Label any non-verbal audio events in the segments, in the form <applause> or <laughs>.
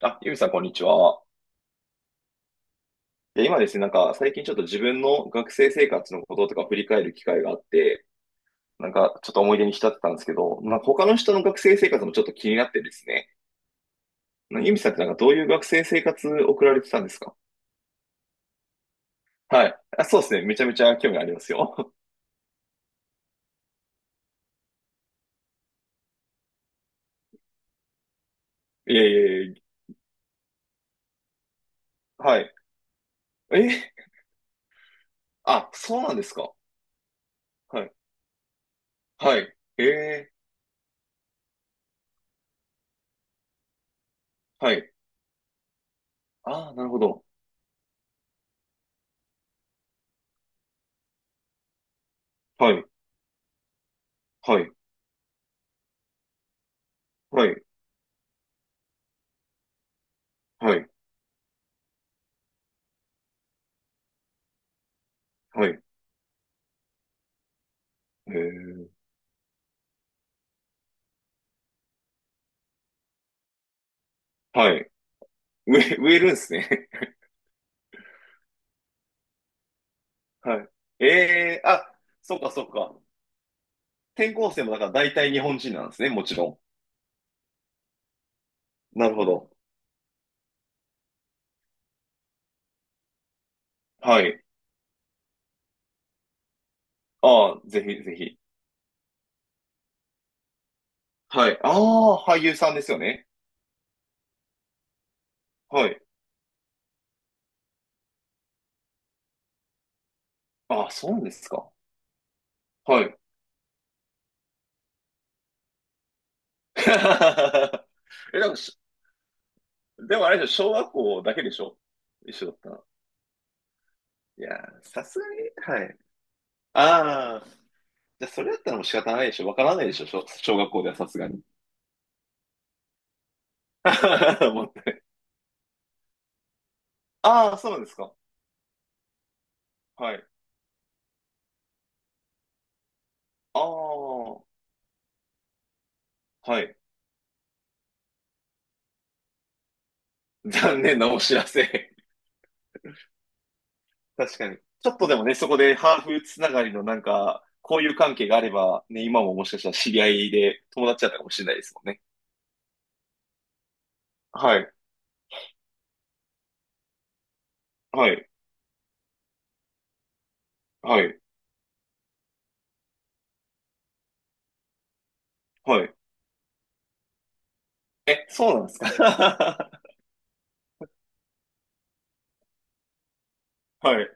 あ、ゆみさん、こんにちは。で、今ですね、なんか、最近ちょっと自分の学生生活のこととか振り返る機会があって、なんか、ちょっと思い出に浸ってたんですけど、なんか他の人の学生生活もちょっと気になってですね、なんかゆみさんってなんかどういう学生生活送られてたんですか？はい。あ、そうですね。めちゃめちゃ興味ありますよ。<laughs> いえいえいえ、はい。え、あ、そうなんですか？はい。はい。ええ、はい。ああ、なるほど。はい。はい。はい。はい。はい。えー、はい。植えるんですね。はい。ええ、あ、そっかそっか。転校生もだから大体日本人なんですね、もちろん。なるほど。はい。ああ、ぜひぜひ。はい。ああ、俳優さんですよね。はい。ああ、そうですか。はい。<laughs> え、でもあれでしょ？小学校だけでしょ？一緒だったの。いやー、さすがに、はい。ああ、じゃあそれだったらもう仕方ないでしょ。わからないでしょ、小学校ではさすがに。<laughs> もう、ああ、そうなんですか。はい。ああ、はい。残念なお知らせ。<laughs> 確かに。ちょっとでもね、そこでハーフつながりのなんか、交友関係があれば、ね、今ももしかしたら知り合いで友達だったかもしれないですもんね。はい、はい、はい、はい。え、そうなんですか？ <laughs> はい、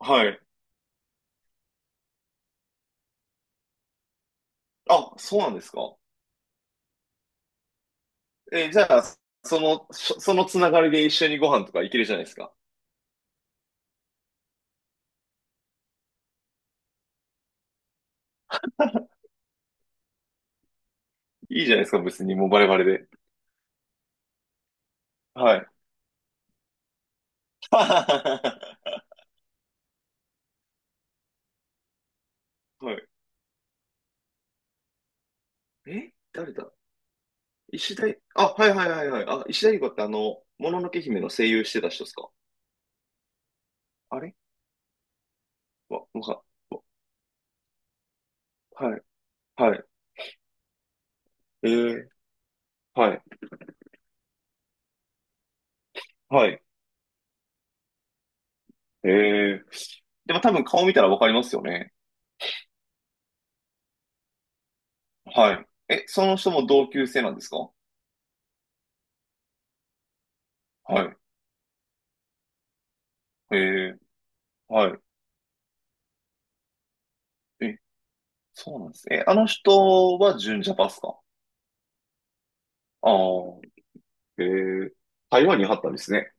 はい。あ、そうなんですか？え、じゃあ、その、そのつながりで一緒にご飯とか行けるじゃないですか。いいじゃないですか、別にもうバレバレで。はい。<laughs> はい。え、誰だ。石田い、あ、はいはいはいはい。あ、石田ゆり子ってもののけ姫の声優してた人ですか？あれ？わ、わか、わはい、はい、えー、はい、はい、えー。でも多分顔見たらわかりますよね。はい。え、その人も同級生なんですか？はい、はい。え、そうなんですね。え、あの人は純ジャパっすか？ああー、えー、台湾に貼ったんですね。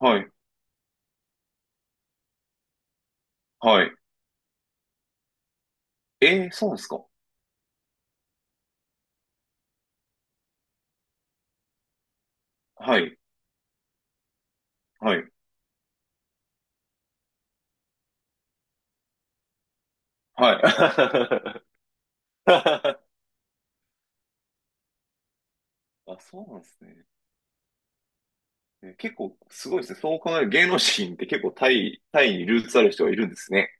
はい、はい。そうなんですか？はい、はい、はい。<laughs> あ、そうなんですね。え、結構すごいですね。そう考える芸能人って結構タイ、にルーツある人がいるんですね。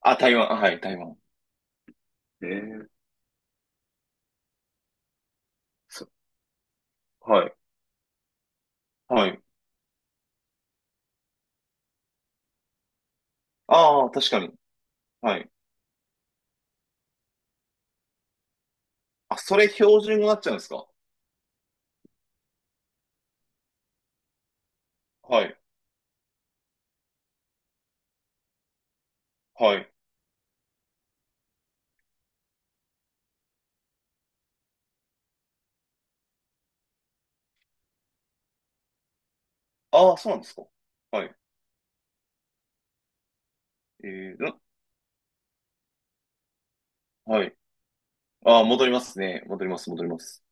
あ、台湾。あ、はい、台湾。ええ、そ、はい、はい。ああ、確かに。はい。あ、それ標準語になっちゃうんですか？はい、はい。ああ、そうなんですか？はい。ええ、はい。ああ、戻りますね。戻ります、戻ります。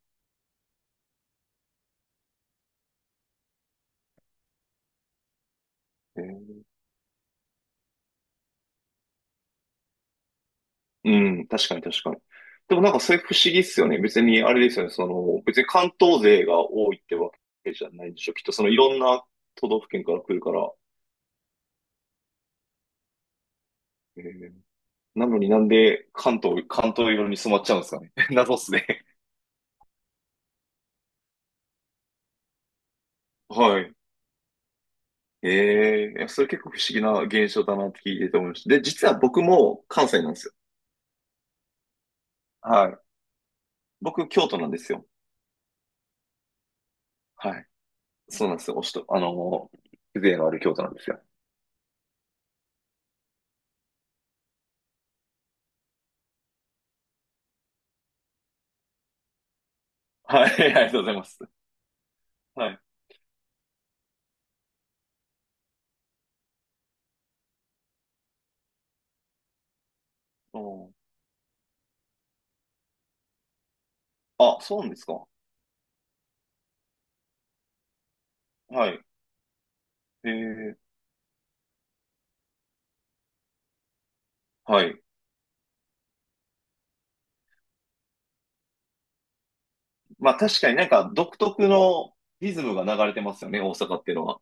ええ、うん、確かに確かに。でもなんかそれ不思議っすよね。別にあれですよね。その、別に関東勢が多いってわけじゃないでしょ。きっとそのいろんな都道府県から来るから。ええ、なのになんで関東色に染まっちゃうんですかね。<laughs> 謎っすね。<laughs> はい。ええ、それ結構不思議な現象だなって聞いてて思いました。で、実は僕も関西なんですよ。はい。僕、京都なんですよ。はい。そうなんですよ。おしと、あの風情のある京都なんですよ。はい。<laughs> ありがとうございます。はい。うん、あ、そうなんですか。はい。ええ、はい。まあ確かになんか独特のリズムが流れてますよね、大阪っていうのは。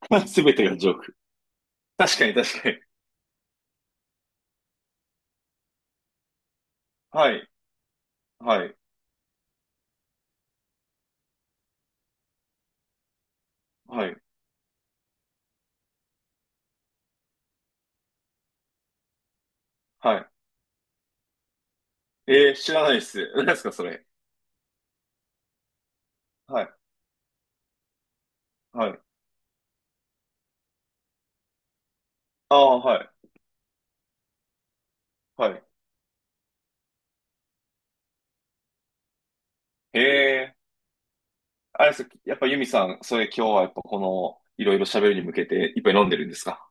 <laughs> すべてがジョーク。確かに確かに。はい。はい。はい。はい。知らないです。何ですか、それ。はい。はい。ああ、はい。はい。へえ。あれです、やっぱユミさん、それ今日はやっぱこの、いろいろ喋るに向けていっぱい飲んでるんですか？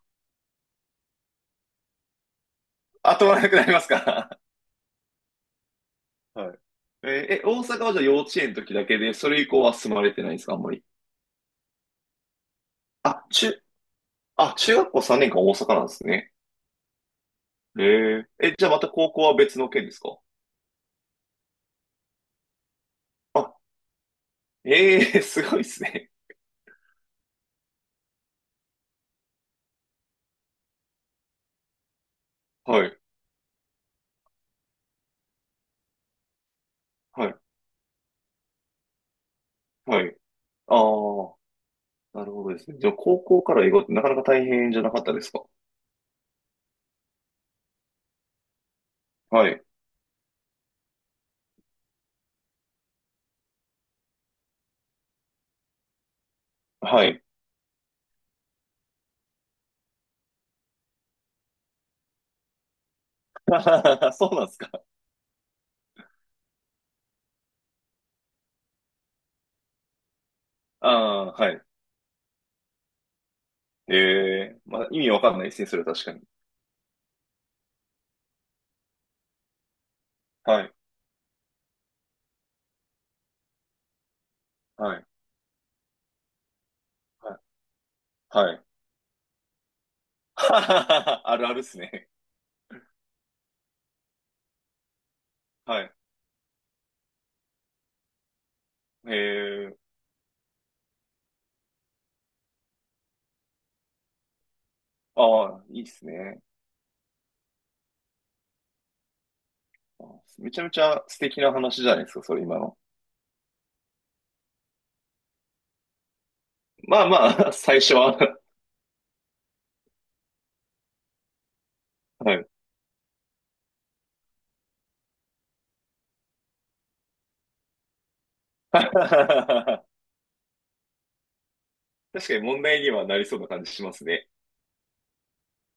あとはなくなりますか？ <laughs> はい。えーえ、大阪はじゃあ幼稚園の時だけで、それ以降は住まれてないんですかあんまり。あ、中学校3年間大阪なんですね。へえ。え、じゃあまた高校は別の県ですか？あ、ええ、すごいっすね。はい。はい。はい。ああ。なるほどですね。じゃあ、高校から英語ってなかなか大変じゃなかったですか？はい。はい。<laughs> そうなんですか？ああ、はい。ええ、まあ、意味わかんないですね、それは確かに。はい。はい。はい。はい。<laughs> あるあるっすね。はい。ええ、ああ、いいっすね。あー、めちゃめちゃ素敵な話じゃないですか、それ今の。まあまあ、<laughs> 最初は。はい。<laughs> 確かに問題にはなりそうな感じしますね。